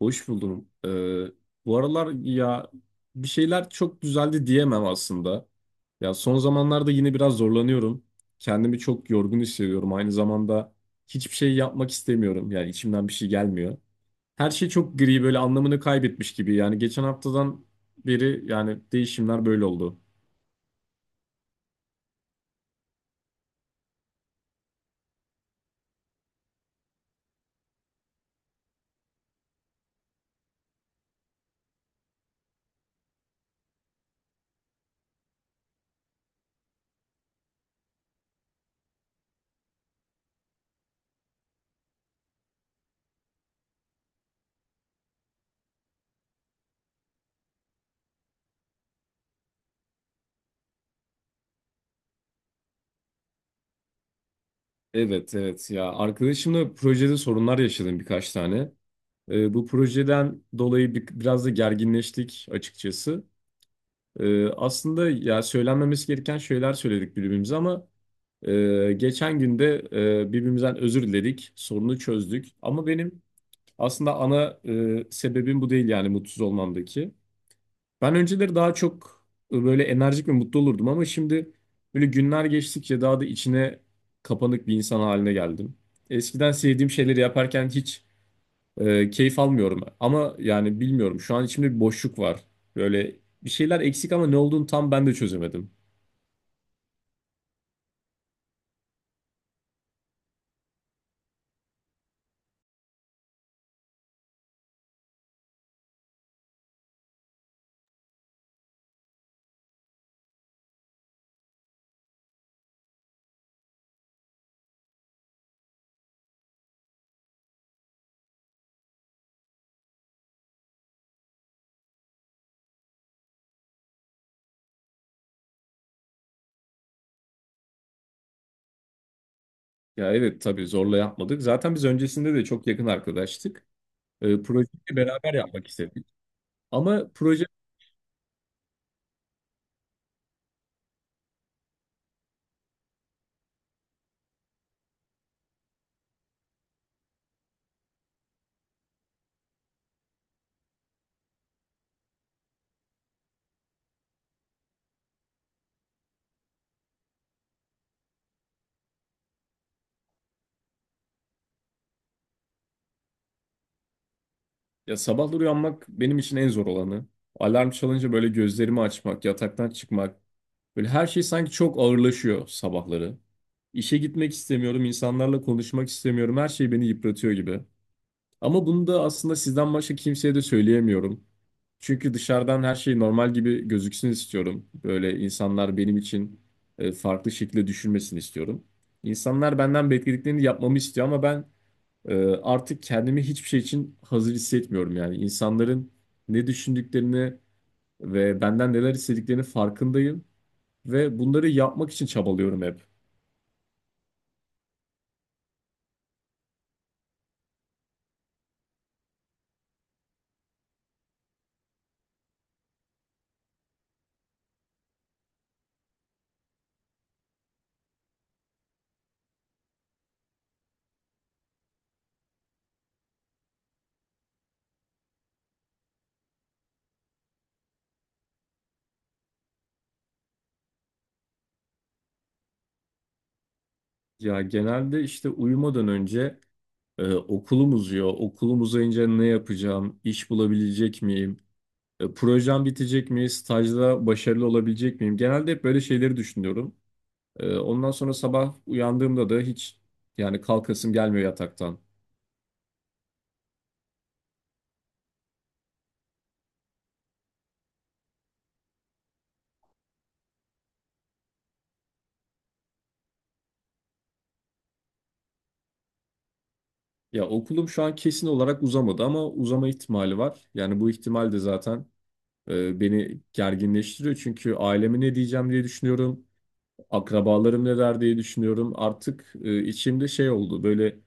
Hoş buldum. Bu aralar ya bir şeyler çok düzeldi diyemem aslında. Ya son zamanlarda yine biraz zorlanıyorum. Kendimi çok yorgun hissediyorum. Aynı zamanda hiçbir şey yapmak istemiyorum. Yani içimden bir şey gelmiyor. Her şey çok gri böyle anlamını kaybetmiş gibi. Yani geçen haftadan beri yani değişimler böyle oldu. Evet evet, ya arkadaşımla projede sorunlar yaşadım birkaç tane. Bu projeden dolayı biraz da gerginleştik açıkçası. Aslında ya söylenmemesi gereken şeyler söyledik birbirimize ama geçen günde birbirimizden özür diledik, sorunu çözdük. Ama benim aslında ana sebebim bu değil yani mutsuz olmamdaki. Ben önceleri daha çok böyle enerjik ve mutlu olurdum ama şimdi böyle günler geçtikçe daha da içine kapanık bir insan haline geldim. Eskiden sevdiğim şeyleri yaparken hiç keyif almıyorum ama yani bilmiyorum şu an içimde bir boşluk var. Böyle bir şeyler eksik ama ne olduğunu tam ben de çözemedim. Ya evet, tabii zorla yapmadık. Zaten biz öncesinde de çok yakın arkadaştık. Projeyi beraber yapmak istedik. Ama proje ya sabahları uyanmak benim için en zor olanı. Alarm çalınca böyle gözlerimi açmak, yataktan çıkmak. Böyle her şey sanki çok ağırlaşıyor sabahları. İşe gitmek istemiyorum, insanlarla konuşmak istemiyorum. Her şey beni yıpratıyor gibi. Ama bunu da aslında sizden başka kimseye de söyleyemiyorum. Çünkü dışarıdan her şey normal gibi gözüksün istiyorum. Böyle insanlar benim için farklı şekilde düşünmesini istiyorum. İnsanlar benden beklediklerini yapmamı istiyor ama ben e, artık kendimi hiçbir şey için hazır hissetmiyorum yani. İnsanların ne düşündüklerini ve benden neler istediklerini farkındayım ve bunları yapmak için çabalıyorum hep. Ya genelde işte uyumadan önce okulum uzuyor. Okulum uzayınca ne yapacağım? İş bulabilecek miyim? Projem bitecek mi? Stajda başarılı olabilecek miyim? Genelde hep böyle şeyleri düşünüyorum. Ondan sonra sabah uyandığımda da hiç yani kalkasım gelmiyor yataktan. Ya okulum şu an kesin olarak uzamadı ama uzama ihtimali var. Yani bu ihtimal de zaten beni gerginleştiriyor. Çünkü aileme ne diyeceğim diye düşünüyorum. Akrabalarım ne der diye düşünüyorum. Artık içimde şey oldu böyle.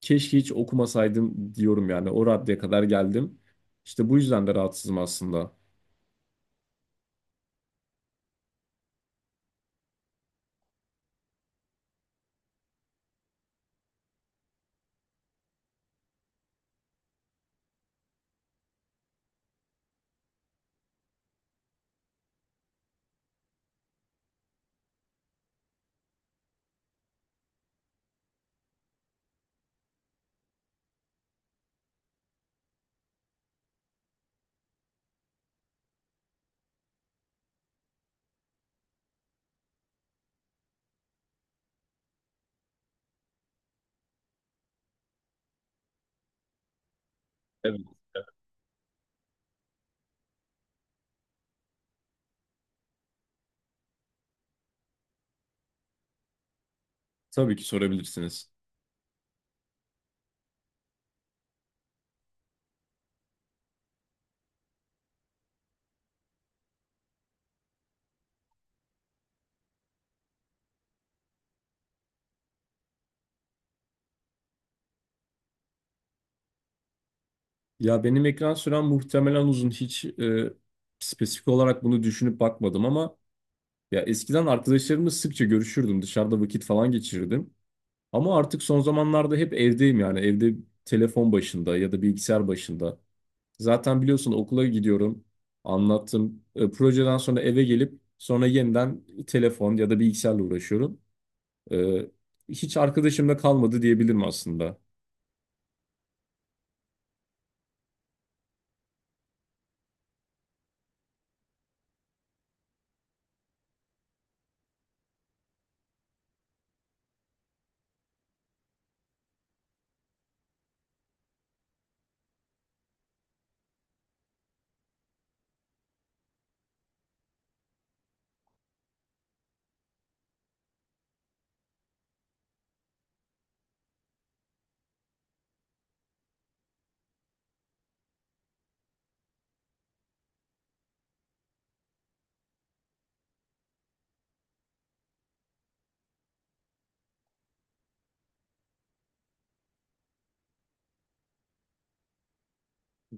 Keşke hiç okumasaydım diyorum yani. O raddeye kadar geldim. İşte bu yüzden de rahatsızım aslında. Evet. Tabii ki sorabilirsiniz. Ya benim ekran sürem muhtemelen uzun. Hiç spesifik olarak bunu düşünüp bakmadım ama ya eskiden arkadaşlarımla sıkça görüşürdüm. Dışarıda vakit falan geçirirdim. Ama artık son zamanlarda hep evdeyim yani. Evde telefon başında ya da bilgisayar başında. Zaten biliyorsun okula gidiyorum. Anlattım. Projeden sonra eve gelip sonra yeniden telefon ya da bilgisayarla uğraşıyorum. Ee, Hiç arkadaşımda kalmadı diyebilirim aslında.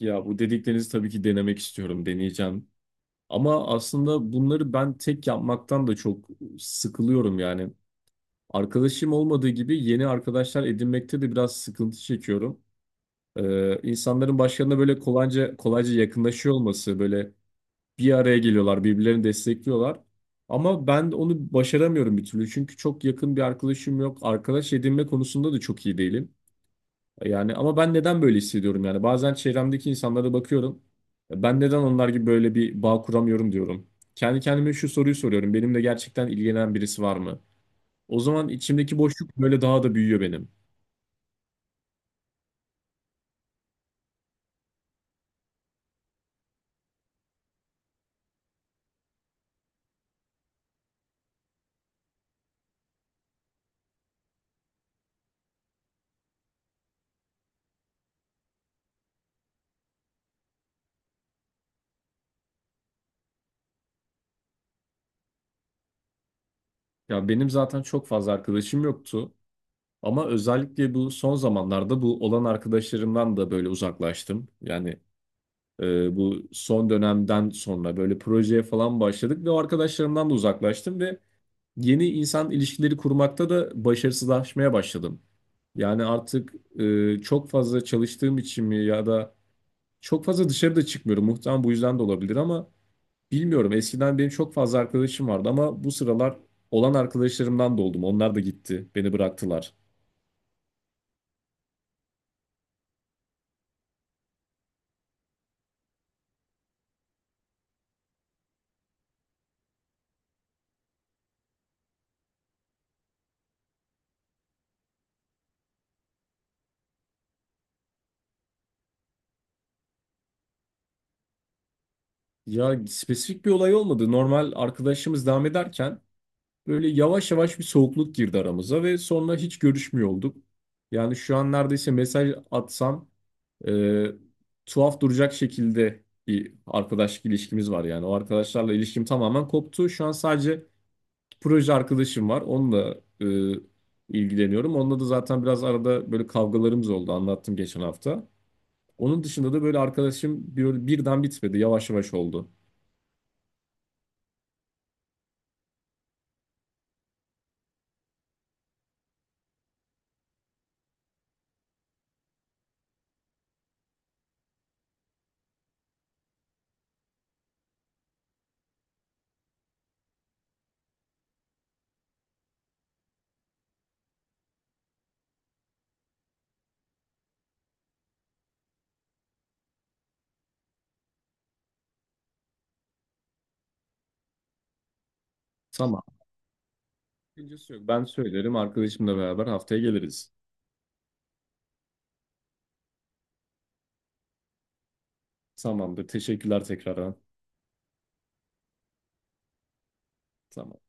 Ya bu dediklerinizi tabii ki denemek istiyorum, deneyeceğim. Ama aslında bunları ben tek yapmaktan da çok sıkılıyorum yani. Arkadaşım olmadığı gibi yeni arkadaşlar edinmekte de biraz sıkıntı çekiyorum. İnsanların başlarına böyle kolayca yakınlaşıyor olması, böyle bir araya geliyorlar, birbirlerini destekliyorlar. Ama ben onu başaramıyorum bir türlü. Çünkü çok yakın bir arkadaşım yok. Arkadaş edinme konusunda da çok iyi değilim. Yani ama ben neden böyle hissediyorum yani bazen çevremdeki insanlara bakıyorum. Ben neden onlar gibi böyle bir bağ kuramıyorum diyorum. Kendi kendime şu soruyu soruyorum. Benimle gerçekten ilgilenen birisi var mı? O zaman içimdeki boşluk böyle daha da büyüyor benim. Ya benim zaten çok fazla arkadaşım yoktu. Ama özellikle bu son zamanlarda bu olan arkadaşlarımdan da böyle uzaklaştım. Yani bu son dönemden sonra böyle projeye falan başladık ve o arkadaşlarımdan da uzaklaştım ve yeni insan ilişkileri kurmakta da başarısızlaşmaya başladım. Yani artık çok fazla çalıştığım için mi ya da çok fazla dışarıda çıkmıyorum. Muhtemelen bu yüzden de olabilir ama bilmiyorum. Eskiden benim çok fazla arkadaşım vardı ama bu sıralar olan arkadaşlarımdan da oldum. Onlar da gitti, beni bıraktılar. Ya spesifik bir olay olmadı. Normal arkadaşımız devam ederken böyle yavaş yavaş bir soğukluk girdi aramıza ve sonra hiç görüşmüyor olduk. Yani şu an neredeyse mesaj atsam e, tuhaf duracak şekilde bir arkadaşlık ilişkimiz var yani. O arkadaşlarla ilişkim tamamen koptu. Şu an sadece proje arkadaşım var. Onunla ilgileniyorum. Onunla da zaten biraz arada böyle kavgalarımız oldu. Anlattım geçen hafta. Onun dışında da böyle arkadaşım böyle birden bitmedi. Yavaş yavaş oldu. Tamam. Sakıncası yok. Ben söylerim. Arkadaşımla beraber haftaya geliriz. Tamamdır. Teşekkürler tekrardan. Tamam.